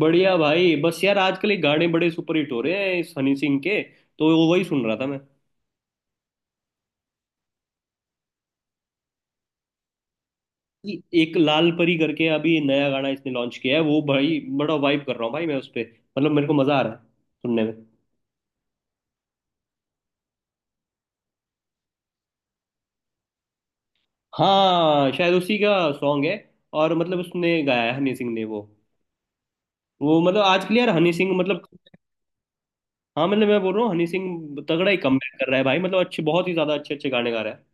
बढ़िया भाई, बस यार आजकल ये गाने बड़े सुपरहिट हो रहे हैं इस हनी सिंह के। तो वो वही सुन रहा था मैं। कि एक लाल परी करके अभी नया गाना इसने लॉन्च किया है, वो भाई बड़ा वाइब कर रहा हूँ भाई मैं उस पे। मतलब मेरे को मजा आ रहा है सुनने में। हाँ, शायद उसी का सॉन्ग है। और मतलब उसने गाया है हनी सिंह ने वो मतलब आजकल यार हनी सिंह मतलब। हाँ मतलब मैं बोल रहा हूँ हनी सिंह तगड़ा ही कमबैक कर रहा है भाई, मतलब अच्छे, बहुत ही ज्यादा अच्छे अच्छे गाने गा रहा है।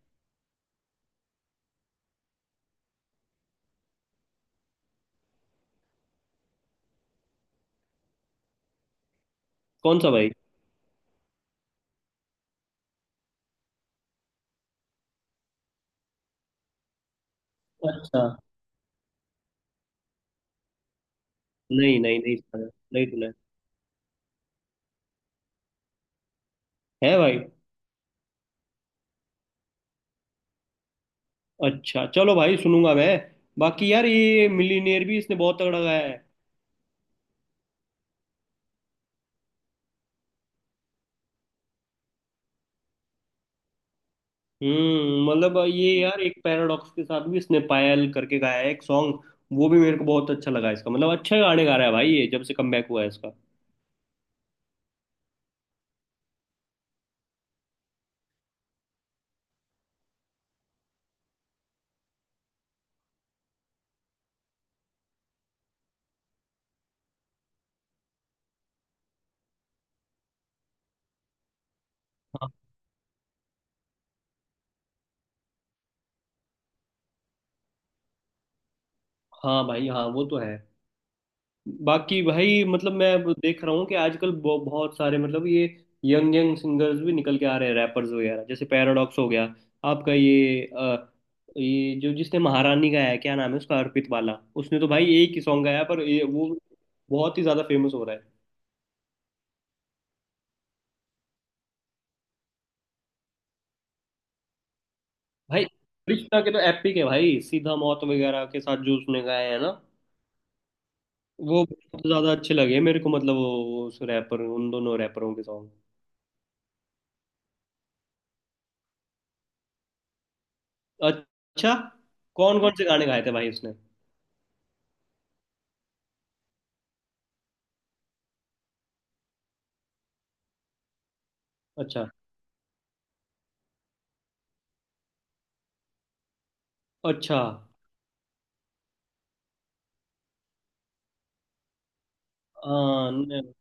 कौन सा भाई? अच्छा। नहीं नहीं नहीं सुना है, नहीं सुना। है भाई। अच्छा चलो भाई सुनूंगा मैं। बाकी यार ये मिलीनियर भी इसने बहुत तगड़ा गाया है। मतलब ये यार एक पैराडॉक्स के साथ भी इसने पायल करके गाया है एक सॉन्ग। वो भी मेरे को बहुत अच्छा लगा इसका, मतलब अच्छे गाने गा रहा है भाई ये जब से कमबैक हुआ है इसका। हाँ हाँ भाई, हाँ वो तो है। बाकी भाई मतलब मैं अब देख रहा हूँ कि आजकल बहुत सारे मतलब ये यंग यंग सिंगर्स भी निकल के आ रहे हैं, रैपर्स वगैरह जैसे पैराडॉक्स हो गया आपका, ये जो जिसने महारानी गाया है, क्या नाम है उसका, अर्पित वाला, उसने तो भाई एक ही सॉन्ग गाया पर ये वो बहुत ही ज्यादा फेमस हो रहा है। भाई कृष्णा के तो एपिक है भाई, सीधा मौत वगैरह के साथ जो उसने गाया है ना वो बहुत ज्यादा अच्छे लगे मेरे को, मतलब वो उस रैपर उन दोनों रैपरों के सॉन्ग। अच्छा, कौन कौन से गाने गाए थे भाई उसने? अच्छा। अच्छा। हाँ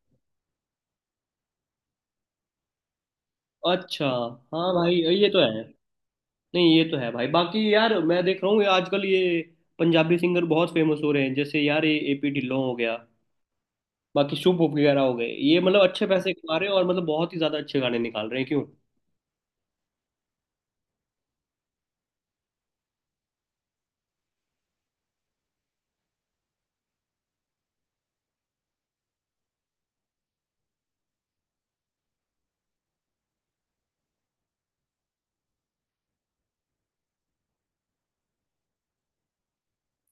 अच्छा। हाँ भाई ये तो है। नहीं ये तो है भाई, बाकी यार मैं देख रहा हूँ ये आजकल ये पंजाबी सिंगर बहुत फेमस हो रहे हैं, जैसे यार ये एपी ढिल्लों हो गया, बाकी शुभ वगैरह हो गए, ये मतलब अच्छे पैसे कमा रहे हैं और मतलब बहुत ही ज्यादा अच्छे गाने निकाल रहे हैं क्यों।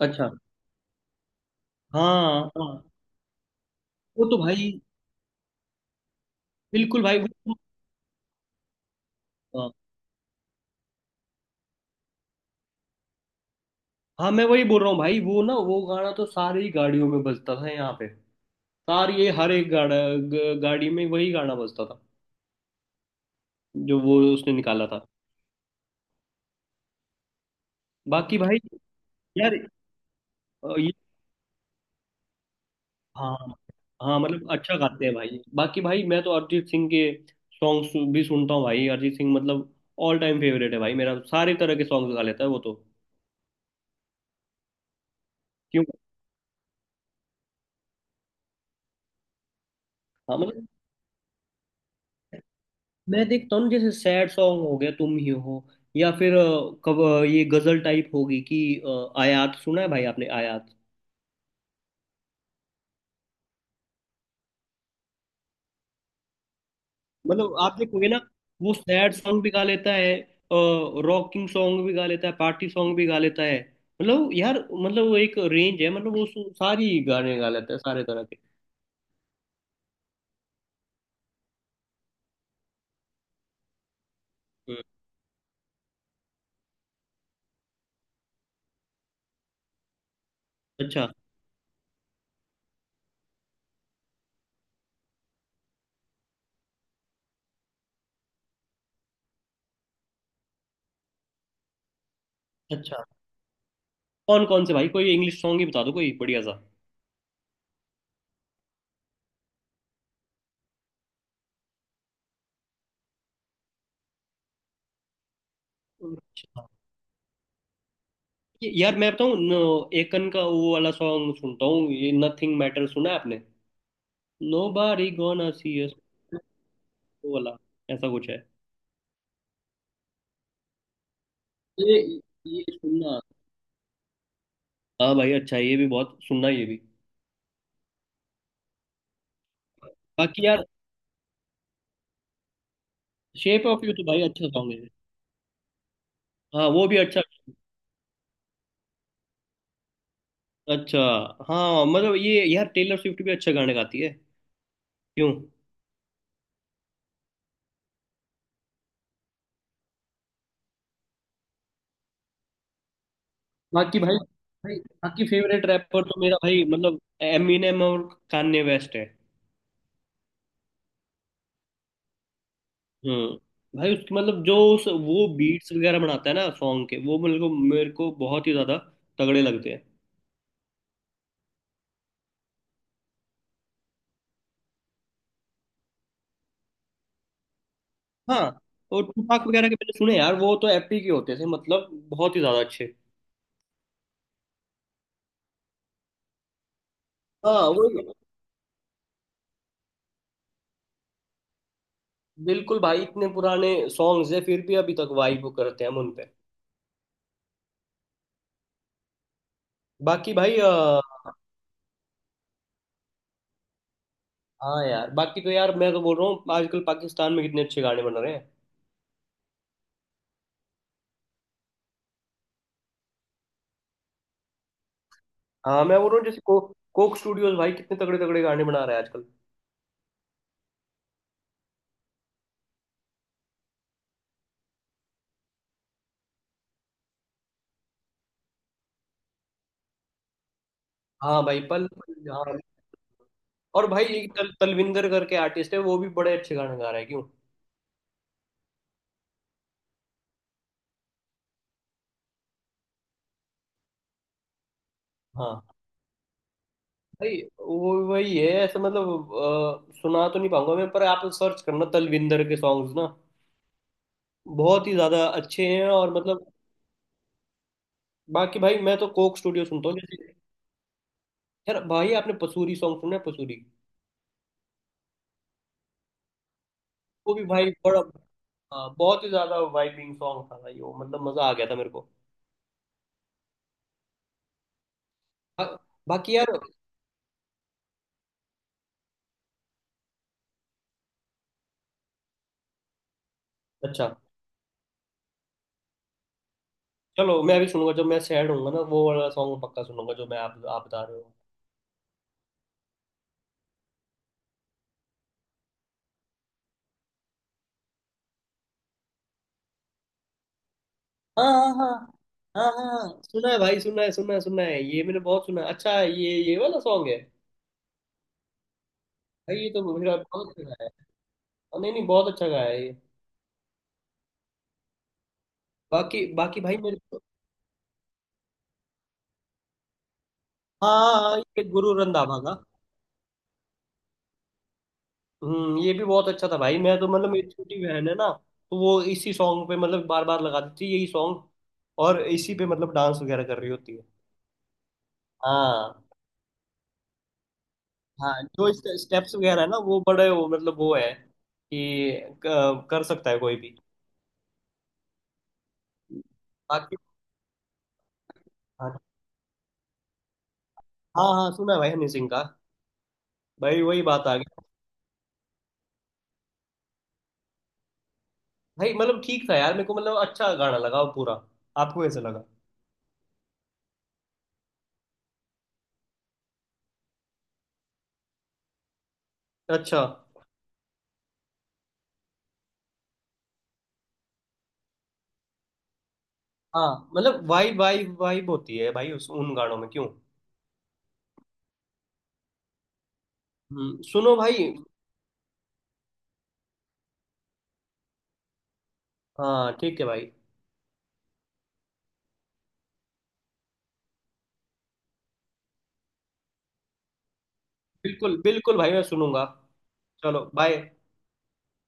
अच्छा। हाँ हाँ, वो तो भाई। बिल्कुल भाई हाँ हाँ, मैं वही बोल रहा हूँ भाई, वो ना वो गाना तो सारी गाड़ियों में बजता था यहाँ पे। सारी, ये हर एक गाड़ी में वही गाना बजता था जो वो उसने निकाला था। बाकी भाई, यार ये। हाँ हाँ मतलब अच्छा गाते हैं भाई। बाकी भाई मैं तो अरिजीत सिंह के सॉन्ग्स भी सुनता हूँ भाई। अरिजीत सिंह मतलब ऑल टाइम फेवरेट है भाई मेरा, सारे तरह के सॉन्ग गा लेता है वो तो। क्यों? हाँ मतलब मैं देखता हूँ ना, जैसे सैड सॉन्ग हो गया तुम ही हो, या फिर ये गजल टाइप होगी कि आयात, सुना है भाई आपने आयात? मतलब आप देखोगे ना, वो सैड सॉन्ग भी गा लेता है, रॉकिंग सॉन्ग भी गा लेता है, पार्टी सॉन्ग भी गा लेता है, मतलब यार मतलब वो एक रेंज है, मतलब वो सारी गाने गा लेता है सारे तरह के। हम्म। अच्छा। अच्छा, कौन कौन से भाई? कोई इंग्लिश सॉन्ग ही बता दो कोई बढ़िया सा। अच्छा यार मैं बताऊं एकन का वो वाला सॉन्ग सुनता हूँ ये, नथिंग मैटर सुना है आपने? Nobody gonna see us, वो वाला, ऐसा कुछ है। ये ये सुनना। हाँ भाई, अच्छा ये भी बहुत सुनना, ये भी। बाकी यार। शेप ऑफ यू तो भाई अच्छा सॉन्ग है। हाँ वो भी अच्छा। अच्छा। हाँ मतलब ये यार टेलर स्विफ्ट भी अच्छा गाने गाती है क्यों। बाकी भाई। भाई। बाकी फेवरेट रैपर तो मेरा भाई मतलब एमिनेम और कान्ये वेस्ट है। हम्म। भाई उसकी, मतलब जो उस वो बीट्स वगैरह बनाता है ना सॉन्ग के, वो मेरे को बहुत ही ज्यादा तगड़े लगते हैं। हाँ, और टुपाक वगैरह के मैंने सुने यार, वो तो एपिक ही होते थे, मतलब बहुत ही ज्यादा अच्छे। हाँ वो बिल्कुल भाई, इतने पुराने सॉन्ग्स है फिर भी अभी तक वाइब करते हैं हम उन पे। बाकी भाई हाँ यार बाकी तो यार मैं तो बोल रहा हूँ, आजकल पाकिस्तान में कितने अच्छे गाने बन रहे हैं। हाँ मैं बोल रहा हूँ, जैसे कोक स्टूडियोज भाई कितने तगड़े तगड़े गाने बना रहा है आजकल। हाँ भाई पल पल, हाँ। और भाई एक तलविंदर करके आर्टिस्ट है, वो भी बड़े अच्छे गाने गा रहा है क्यों। हाँ भाई वो वही है, ऐसा मतलब सुना तो नहीं पाऊंगा मैं पर आप सर्च करना तलविंदर के सॉन्ग्स ना, बहुत ही ज्यादा अच्छे हैं और मतलब। बाकी भाई मैं तो कोक स्टूडियो सुनता हूँ। यार भाई आपने पसूरी सॉन्ग सुना है, पसूरी? वो भी भाई बड़ा बहुत ही ज्यादा वाइबिंग सॉन्ग था भाई वो, मतलब मजा आ गया था मेरे को। बा, बाकी यार। अच्छा, चलो मैं भी सुनूंगा, जब मैं सैड होऊंगा ना वो वाला सॉन्ग पक्का सुनूंगा जो मैं आप बता रहे हो। हाँ हाँ हाँ हाँ हाँ सुना है भाई, सुना है, सुना है, सुना है, ये मैंने बहुत सुना है। अच्छा, ये वाला सॉन्ग है। भाई ये तो मेरा बहुत अच्छा गाया है, नहीं नहीं बहुत अच्छा गाया है ये। बाकी बाकी भाई मेरे को हाँ हाँ, हाँ, ये गुरु रंधावा का। ये भी बहुत अच्छा था भाई, मैं तो मतलब मेरी छोटी बहन है ना, तो वो इसी सॉन्ग पे मतलब बार बार लगा देती है यही सॉन्ग, और इसी पे मतलब डांस वगैरह कर रही होती है। हाँ हाँ, जो स्टेप्स वगैरह है ना, वो बड़े, वो मतलब वो है कि कर सकता है कोई भी। बाकी। हाँ हाँ सुना है भाई हनी सिंह का। भाई वही बात आ गई। भाई मतलब ठीक था यार मेरे को, मतलब अच्छा गाना लगा वो पूरा। आपको कैसा लगा? अच्छा। हाँ मतलब वाइब वाइब वाइब होती है भाई उस उन गानों में क्यों। सुनो भाई। हाँ ठीक है भाई। बिल्कुल बिल्कुल भाई मैं सुनूंगा। चलो बाय।